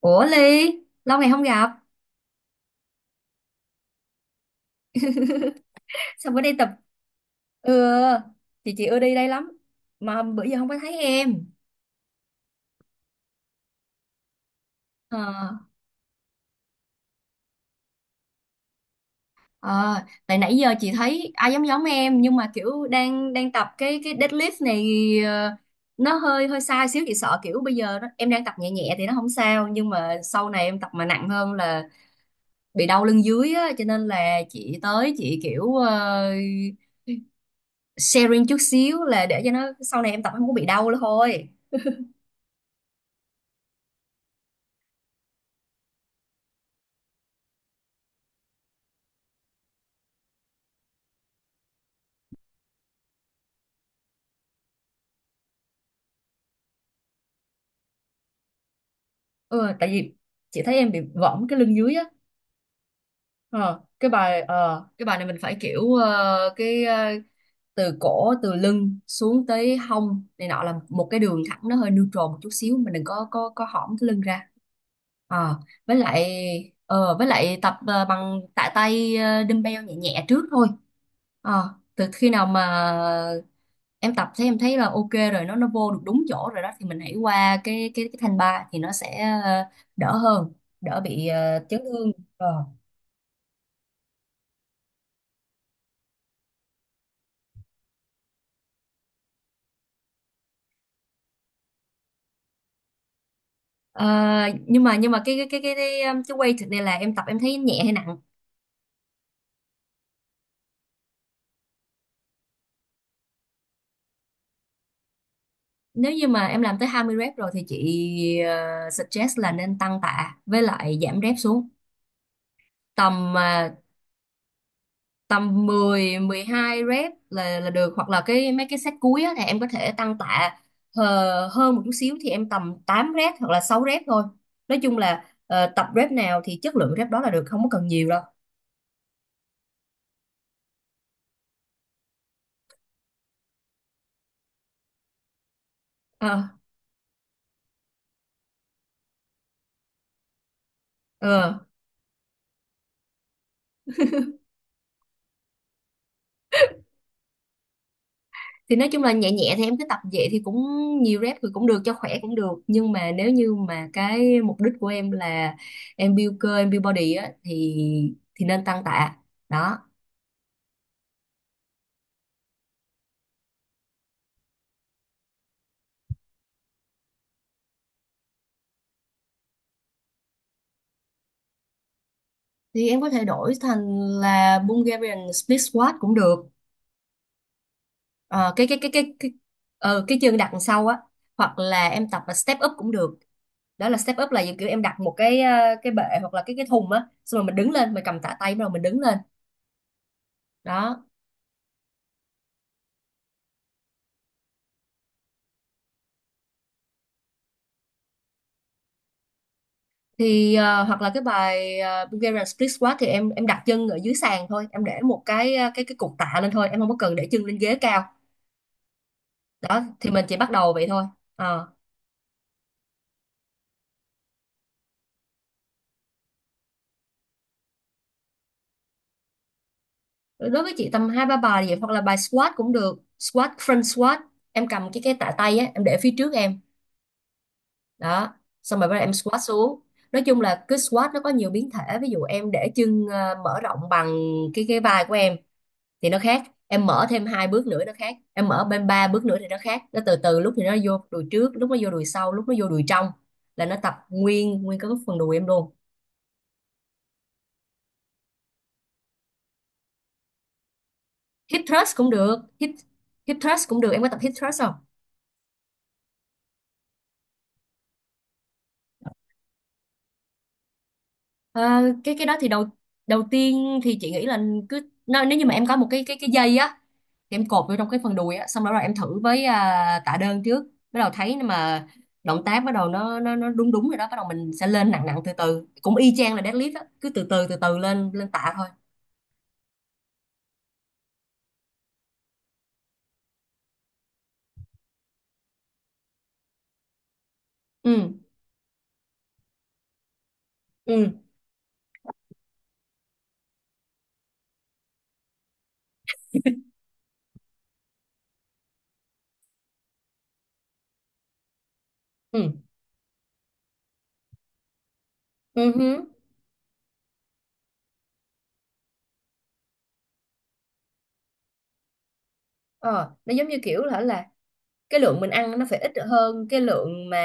Ủa Ly, lâu ngày không gặp, sao bữa đây tập? ừ, chị ưa đi đây lắm mà bữa giờ không có thấy em. Ờ ờ, Tại nãy giờ chị thấy ai giống giống em, nhưng mà kiểu đang đang tập cái deadlift này, ờ, nó hơi hơi sai xíu. Chị sợ kiểu bây giờ nó, em đang tập nhẹ nhẹ thì nó không sao, nhưng mà sau này em tập mà nặng hơn là bị đau lưng dưới á, cho nên là chị tới chị kiểu sharing chút xíu là để cho nó sau này em tập không có bị đau nữa thôi. Ừ, tại vì chị thấy em bị võng cái lưng dưới á. Cái bài này mình phải kiểu, từ cổ, từ lưng xuống tới hông này nọ là một cái đường thẳng, nó hơi neutral một chút xíu, mình đừng có hõm cái lưng ra. Ờ, với lại với lại tập bằng tạ tay, dumbbell nhẹ nhẹ trước thôi. Từ khi nào mà em tập thấy em thấy là ok rồi, nó vô được đúng chỗ rồi đó, thì mình hãy qua cái thanh ba thì nó sẽ đỡ hơn, đỡ bị chấn thương. Ờ. Ờ, nhưng mà cái weight này là em tập em thấy nhẹ hay nặng? Nếu như mà em làm tới 20 rep rồi thì chị suggest là nên tăng tạ, với lại giảm rep xuống tầm ờ, tầm 10 12 rep là được. Hoặc là mấy cái set cuối á, thì em có thể tăng tạ hơn một chút xíu, thì em tầm 8 rep hoặc là 6 rep thôi. Nói chung là tập rep nào thì chất lượng rep đó là được, không có cần nhiều đâu. Ờ, ờ. Thì nói chung là nhẹ nhẹ thì em cứ tập vậy thì cũng, nhiều rep thì cũng được cho khỏe cũng được, nhưng mà nếu như mà cái mục đích của em là em build cơ em build body á, thì nên tăng tạ đó. Thì em có thể đổi thành là Bulgarian split squat cũng được. Ờ, cái cái cái cái cái cái chương đặt đằng sau á, hoặc là em tập là step up cũng được. Đó là step up là kiểu em đặt một cái bệ hoặc là cái thùng á, xong rồi mình đứng lên, mình cầm tạ tay, bắt đầu mình đứng lên đó. Thì hoặc là Bulgarian split squat thì em đặt chân ở dưới sàn thôi, em để một cái ờ, cái cục tạ lên thôi, em không có cần để chân lên ghế cao đó, thì mình chỉ bắt đầu vậy thôi. Ờ. Đối với chị tầm hai ba bài vậy, hoặc là bài squat cũng được, squat, front squat. Em cầm cái tạ tay á, em để phía trước em đó, xong rồi bắt đầu em squat xuống. Nói chung là cứ squat nó có nhiều biến thể, ví dụ em để chân mở rộng bằng cái vai của em thì nó khác, em mở thêm hai bước nữa nó khác, em mở bên ba bước nữa thì nó khác. Nó từ từ, lúc thì nó vô đùi trước, lúc nó vô đùi sau, lúc nó vô đùi trong, là nó tập nguyên nguyên cái phần đùi em luôn. Hip thrust cũng được, hip hip thrust cũng được. Em có tập hip thrust không? Ờ, cái đó thì đầu đầu tiên thì chị nghĩ là cứ, nếu như mà em có một cái dây á, thì em cột vô trong cái phần đùi á, xong đó rồi em thử với tạ đơn trước. Bắt đầu thấy mà động tác bắt đầu nó đúng đúng rồi đó, bắt đầu mình sẽ lên nặng nặng từ từ, cũng y chang là deadlift á, cứ từ từ từ từ lên lên tạ thôi. Ừ, ừ, ừ, ừ hứ. Ờ nó giống như kiểu là cái lượng mình ăn nó phải ít hơn cái lượng mà,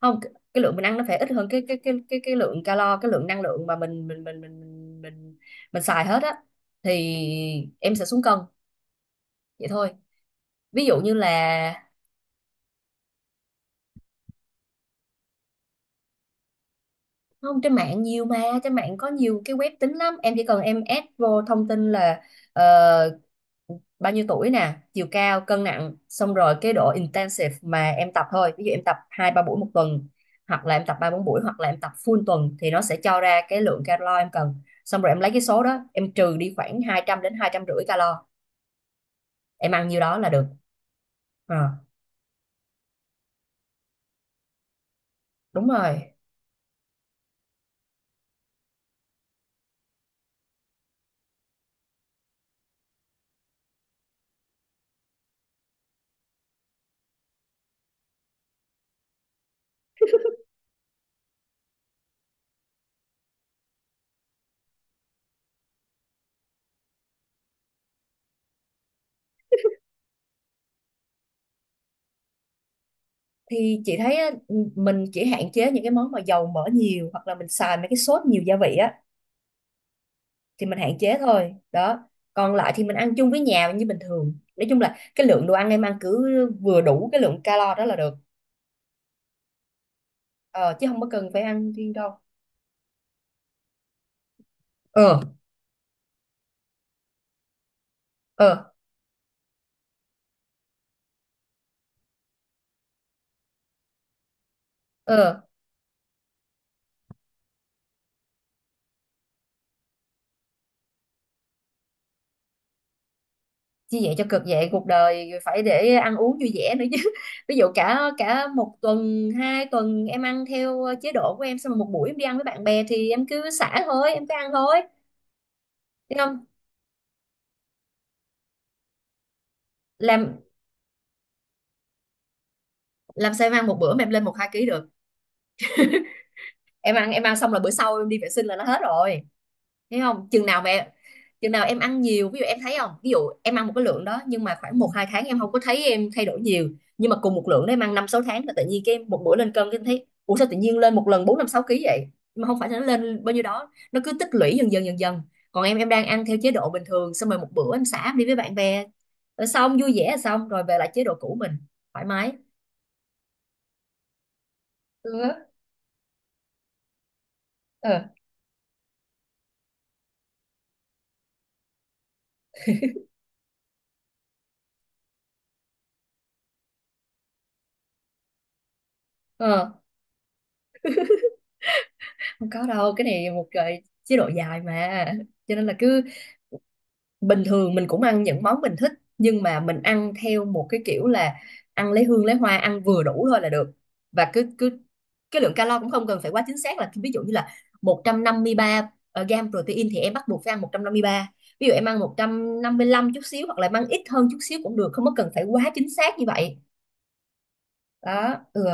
không, cái lượng mình ăn nó phải ít hơn cái lượng năng lượng mà mình mình, mình xài hết á, thì em sẽ xuống cân vậy thôi. Ví dụ như là, không, trên mạng nhiều mà, trên mạng có nhiều cái web tính lắm, em chỉ cần em add vô thông tin là ờ, bao nhiêu tuổi nè, chiều cao, cân nặng, xong rồi cái độ intensive mà em tập thôi. Ví dụ em tập hai ba buổi một tuần, hoặc là em tập ba bốn buổi, hoặc là em tập full tuần, thì nó sẽ cho ra cái lượng calo em cần. Xong rồi em lấy cái số đó em trừ đi khoảng 200 đến 250 calo, em ăn nhiêu đó là được. Ờ, Đúng rồi. Thì chị thấy á, mình chỉ hạn chế những cái món mà dầu mỡ nhiều, hoặc là mình xài mấy cái sốt nhiều gia vị á thì mình hạn chế thôi đó. Còn lại thì mình ăn chung với nhà như bình thường, nói chung là cái lượng đồ ăn em ăn cứ vừa đủ cái lượng calo đó là được, ờ, chứ không có cần phải ăn riêng đâu. Ờ, ờ, ờ. Như vậy cho cực, vậy cuộc đời phải để ăn uống vui vẻ nữa chứ! Ví dụ cả cả một tuần hai tuần em ăn theo chế độ của em, xong rồi một buổi em đi ăn với bạn bè thì em cứ xả thôi, em cứ ăn thôi. Thấy không? Làm làm sao em ăn một bữa mà em lên một hai ký được? Em ăn xong là bữa sau em đi vệ sinh là nó hết rồi. Thấy không, chừng nào em ăn nhiều. Ví dụ em thấy không, ví dụ em ăn một cái lượng đó, nhưng mà khoảng một hai tháng em không có thấy em thay đổi nhiều, nhưng mà cùng một lượng đó em ăn năm sáu tháng là tự nhiên cái em một bữa lên cân, cái em thấy ủa sao tự nhiên lên một lần bốn năm sáu ký vậy. Nhưng mà không phải là nó lên bao nhiêu đó, nó cứ tích lũy dần dần dần dần. Còn em đang ăn theo chế độ bình thường, xong rồi một bữa em xả em đi với bạn bè, rồi xong vui vẻ, xong rồi về lại chế độ cũ, mình thoải mái. Ừ. Ờ, ờ. Không có đâu, cái này một cái chế độ dài mà, cho nên là cứ bình thường mình cũng ăn những món mình thích, nhưng mà mình ăn theo một cái kiểu là ăn lấy hương lấy hoa, ăn vừa đủ thôi là được. Và cứ cứ cái lượng calo cũng không cần phải quá chính xác, là ví dụ như là 153 gram protein thì em bắt buộc phải ăn một trăm năm mươi ba, ví dụ em ăn 155 chút xíu, hoặc là em ăn ít hơn chút xíu cũng được, không có cần phải quá chính xác như vậy. Đó. Ừ.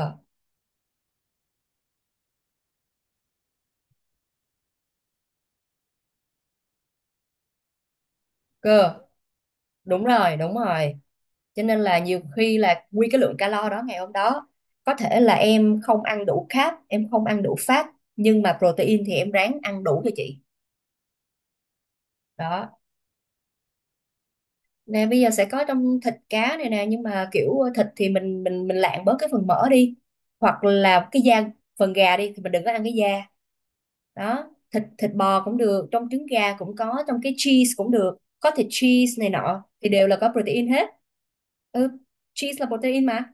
Cơ. Đúng rồi, đúng rồi. Cho nên là nhiều khi là nguyên cái lượng calo đó ngày hôm đó có thể là em không ăn đủ carb, em không ăn đủ fat, nhưng mà protein thì em ráng ăn đủ cho chị. Đó. Nè, bây giờ sẽ có trong thịt cá này nè, nhưng mà kiểu thịt thì mình lạng bớt cái phần mỡ đi, hoặc là cái da phần gà đi thì mình đừng có ăn cái da đó. Thịt thịt bò cũng được, trong trứng gà cũng có, trong cái cheese cũng được, có thịt cheese này nọ thì đều là có protein hết. Ừ, cheese là protein mà.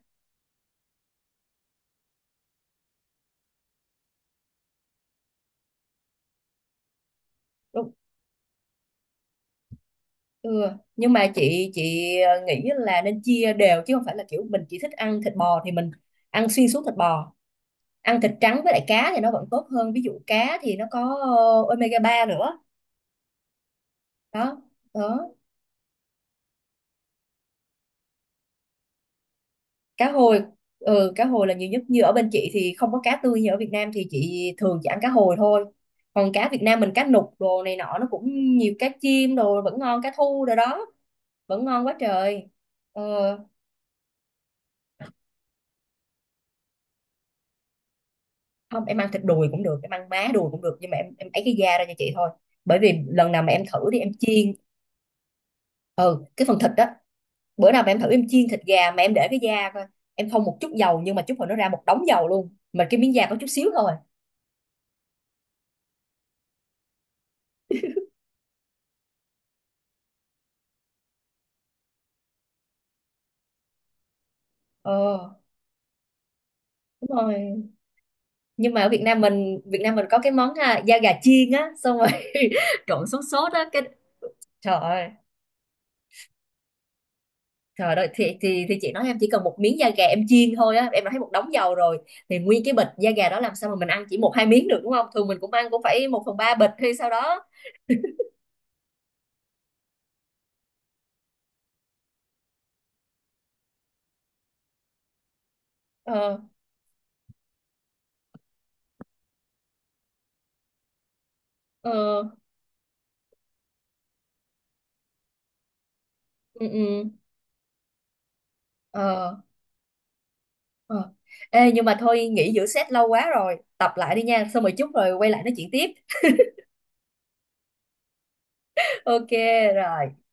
Ừ. Nhưng mà chị nghĩ là nên chia đều, chứ không phải là kiểu mình chỉ thích ăn thịt bò thì mình ăn xuyên suốt thịt bò. Ăn thịt trắng với lại cá thì nó vẫn tốt hơn, ví dụ cá thì nó có omega-3 nữa đó, đó. Cá hồi, ừ, cá hồi là nhiều nhất. Như ở bên chị thì không có cá tươi, như ở Việt Nam thì chị thường chỉ ăn cá hồi thôi, còn cá Việt Nam mình, cá nục đồ này nọ nó cũng nhiều, cá chim đồ vẫn ngon, cá thu đồ đó vẫn ngon quá trời. ờ Không, em ăn thịt đùi cũng được, em ăn má đùi cũng được, nhưng mà em ấy cái da ra cho chị thôi, bởi vì lần nào mà em thử đi em chiên. Ừ, cái phần thịt đó. Bữa nào mà em thử em chiên thịt gà mà em để cái da coi, em không một chút dầu nhưng mà chút hồi nó ra một đống dầu luôn, mà cái miếng da có chút xíu thôi. ờ Đúng rồi. Nhưng mà ở Việt Nam mình, có cái món, da gà chiên á, xong rồi trộn sốt sốt á cái. Trời ơi! Trời ơi, thì chị nói em chỉ cần một miếng da gà em chiên thôi á, em đã thấy một đống dầu rồi. Thì nguyên cái bịch da gà đó làm sao mà mình ăn chỉ một hai miếng được, đúng không? Thường mình cũng ăn cũng phải một phần ba bịch hay sao đó. Ờ, ờ, ừ, ừ, ờ, ờ. Ê, nhưng mà thôi, nghỉ giữa set lâu quá rồi, tập lại đi nha, xong rồi chút rồi quay lại nói chuyện tiếp. Ok, rồi.